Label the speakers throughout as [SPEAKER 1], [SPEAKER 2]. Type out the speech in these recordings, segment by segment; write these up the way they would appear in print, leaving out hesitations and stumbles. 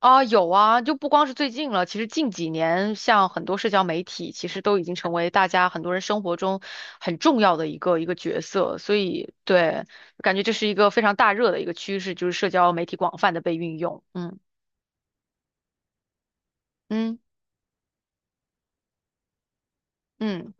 [SPEAKER 1] 啊，有啊，就不光是最近了，其实近几年，像很多社交媒体，其实都已经成为大家很多人生活中很重要的一个角色。所以，对，感觉这是一个非常大热的一个趋势，就是社交媒体广泛的被运用。嗯嗯嗯。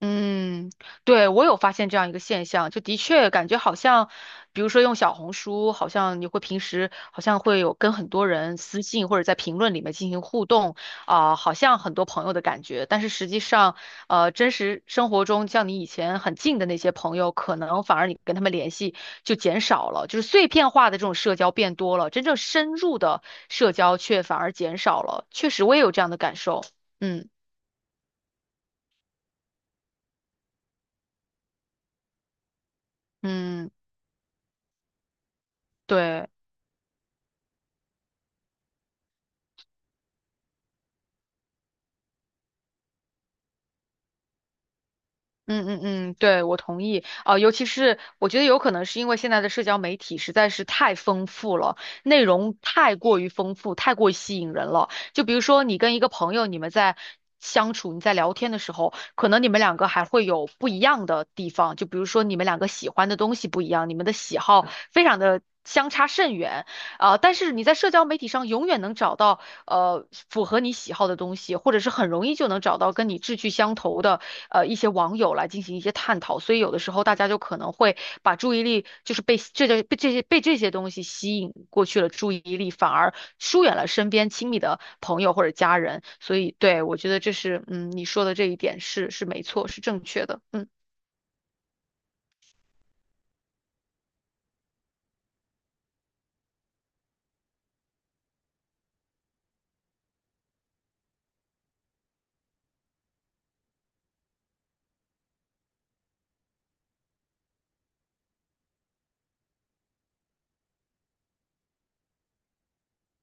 [SPEAKER 1] 嗯，对，我有发现这样一个现象，就的确感觉好像，比如说用小红书，好像你会平时好像会有跟很多人私信或者在评论里面进行互动，啊、好像很多朋友的感觉，但是实际上，真实生活中像你以前很近的那些朋友，可能反而你跟他们联系就减少了，就是碎片化的这种社交变多了，真正深入的社交却反而减少了，确实我也有这样的感受，嗯嗯，对。嗯嗯嗯，对，我同意。啊、尤其是我觉得有可能是因为现在的社交媒体实在是太丰富了，内容太过于丰富，太过于吸引人了。就比如说你跟一个朋友，你们在相处，你在聊天的时候，可能你们两个还会有不一样的地方，就比如说你们两个喜欢的东西不一样，你们的喜好非常的相差甚远。啊、但是你在社交媒体上永远能找到。符合你喜好的东西，或者是很容易就能找到跟你志趣相投的一些网友来进行一些探讨，所以有的时候大家就可能会把注意力就是被这些东西吸引过去了注意力，反而疏远了身边亲密的朋友或者家人，所以对我觉得这是嗯你说的这一点是没错，是正确的，嗯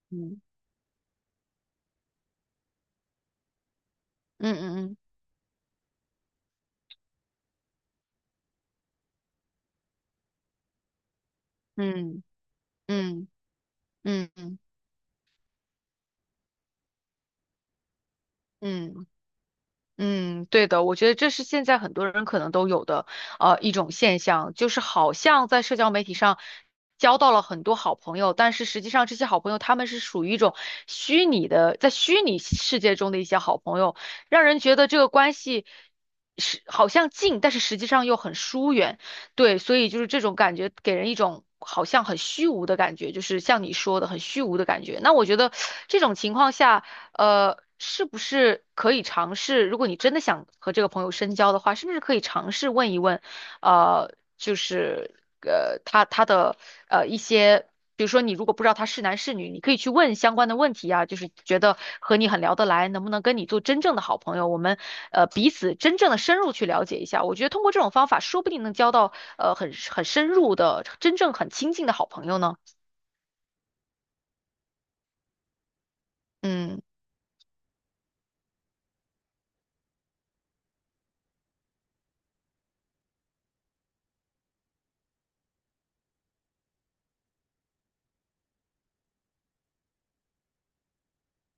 [SPEAKER 1] 嗯。嗯嗯嗯嗯嗯嗯嗯。嗯，对的，我觉得这是现在很多人可能都有的，一种现象，就是好像在社交媒体上交到了很多好朋友，但是实际上这些好朋友他们是属于一种虚拟的，在虚拟世界中的一些好朋友，让人觉得这个关系是好像近，但是实际上又很疏远。对，所以就是这种感觉，给人一种好像很虚无的感觉，就是像你说的很虚无的感觉。那我觉得这种情况下。是不是可以尝试？如果你真的想和这个朋友深交的话，是不是可以尝试问一问？呃，就是他的一些，比如说你如果不知道他是男是女，你可以去问相关的问题啊，就是觉得和你很聊得来，能不能跟你做真正的好朋友？我们彼此真正的深入去了解一下。我觉得通过这种方法，说不定能交到很深入的、真正很亲近的好朋友呢。嗯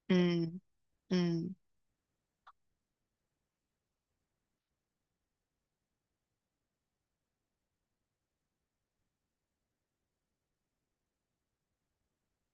[SPEAKER 1] 嗯嗯。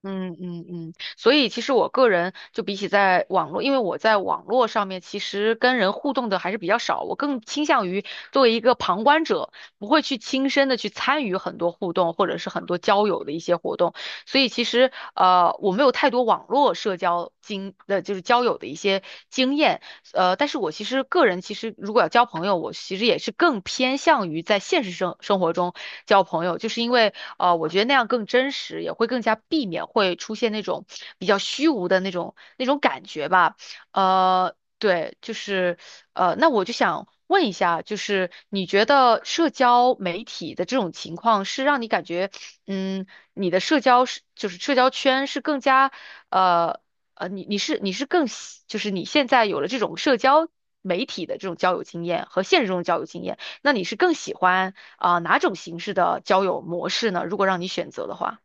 [SPEAKER 1] 嗯嗯嗯，所以其实我个人就比起在网络，因为我在网络上面其实跟人互动的还是比较少，我更倾向于作为一个旁观者，不会去亲身的去参与很多互动或者是很多交友的一些活动，所以其实我没有太多网络社交就是交友的一些经验，但是我其实个人其实如果要交朋友，我其实也是更偏向于在现实生活中交朋友，就是因为。我觉得那样更真实，也会更加避免会出现那种比较虚无的那种感觉吧。对，就是那我就想问一下，就是你觉得社交媒体的这种情况是让你感觉，嗯，你的社交是就是社交圈是更加呃你是就是你现在有了这种社交媒体的这种交友经验和现实中的交友经验。那你是更喜欢啊、哪种形式的交友模式呢？如果让你选择的话，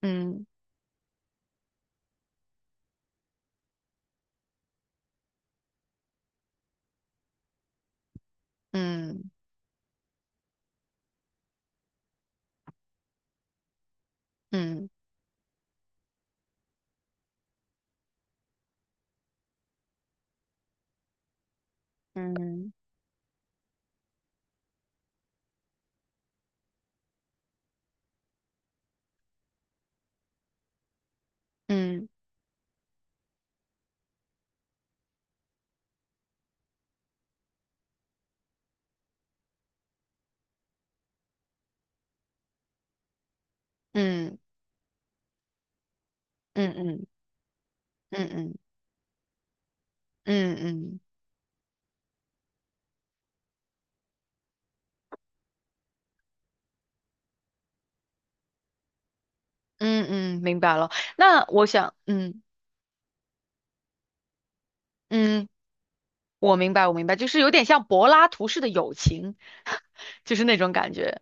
[SPEAKER 1] 嗯嗯嗯嗯嗯嗯嗯嗯嗯嗯嗯嗯嗯嗯，明白了。那我想，嗯嗯，我明白，就是有点像柏拉图式的友情。就是那种感觉。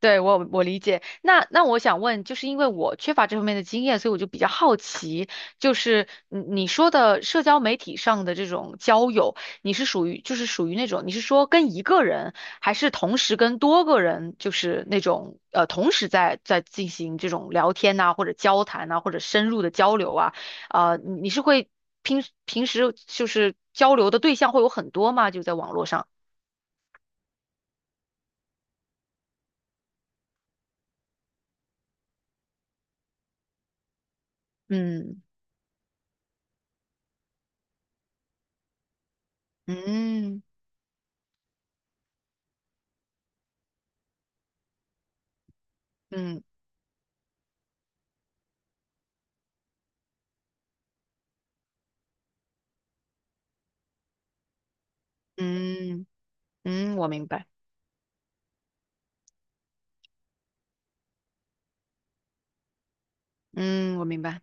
[SPEAKER 1] 对，我理解。那我想问，就是因为我缺乏这方面的经验，所以我就比较好奇，就是你你说的社交媒体上的这种交友，你是属于那种，你是说跟一个人，还是同时跟多个人，就是那种同时在进行这种聊天呐、或者交谈呐、或者深入的交流啊，呃，你你是会平时就是交流的对象会有很多吗？就在网络上，嗯嗯。嗯，嗯嗯，我明白，嗯，我明白，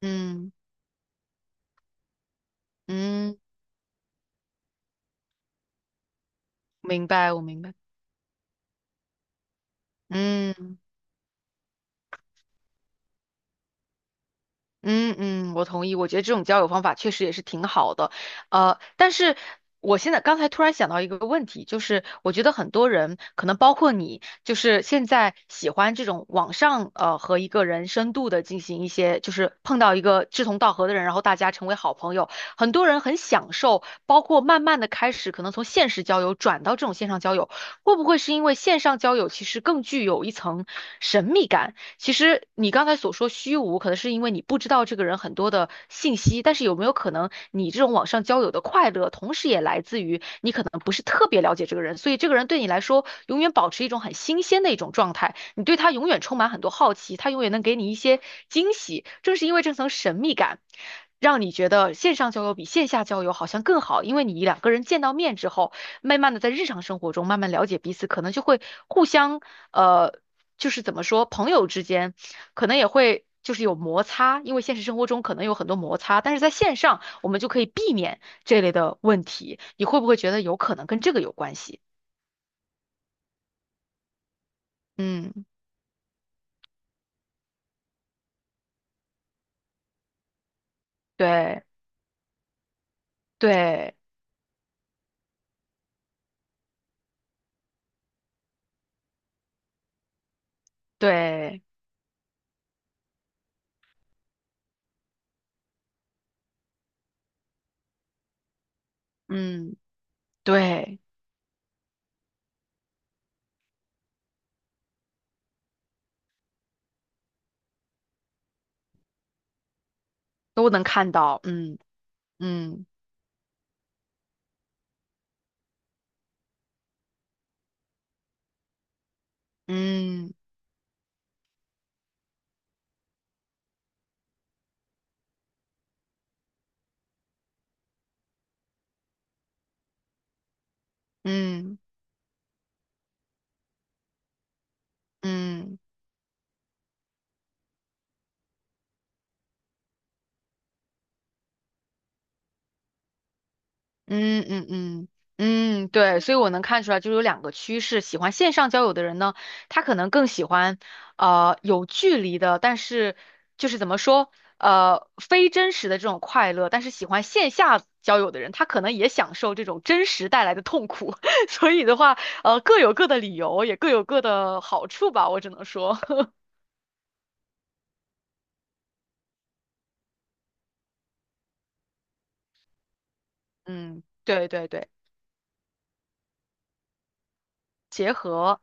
[SPEAKER 1] 嗯嗯，明白，我明白，嗯。嗯嗯，我同意。我觉得这种交友方法确实也是挺好的，但是我现在刚才突然想到一个问题，就是我觉得很多人，可能包括你，就是现在喜欢这种网上和一个人深度的进行一些，就是碰到一个志同道合的人，然后大家成为好朋友。很多人很享受，包括慢慢的开始可能从现实交友转到这种线上交友，会不会是因为线上交友其实更具有一层神秘感？其实你刚才所说虚无，可能是因为你不知道这个人很多的信息，但是有没有可能你这种网上交友的快乐，同时也来自于你可能不是特别了解这个人，所以这个人对你来说永远保持一种很新鲜的一种状态，你对他永远充满很多好奇，他永远能给你一些惊喜。正是因为这层神秘感。让你觉得线上交友比线下交友好像更好，因为你两个人见到面之后，慢慢的在日常生活中慢慢了解彼此，可能就会互相呃就是怎么说，朋友之间可能也会就是有摩擦，因为现实生活中可能有很多摩擦，但是在线上我们就可以避免这类的问题。你会不会觉得有可能跟这个有关系？嗯，对对对，嗯对，都能看到，嗯嗯嗯嗯嗯。嗯嗯嗯嗯，对，所以我能看出来，就是有两个趋势，喜欢线上交友的人呢，他可能更喜欢，有距离的，但是就是怎么说，呃，非真实的这种快乐，但是喜欢线下交友的人，他可能也享受这种真实带来的痛苦，所以的话，各有各的理由，也各有各的好处吧，我只能说，嗯，对对对，结合，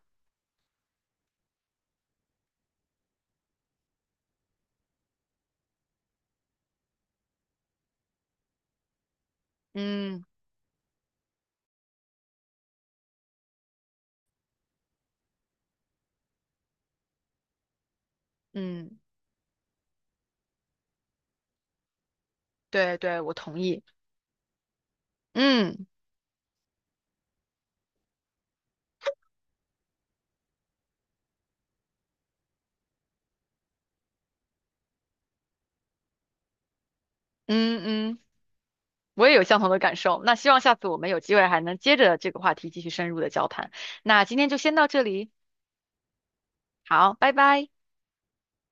[SPEAKER 1] 嗯嗯，对对，我同意，嗯嗯嗯。我也有相同的感受。那希望下次我们有机会还能接着这个话题继续深入的交谈。那今天就先到这里，好，拜拜。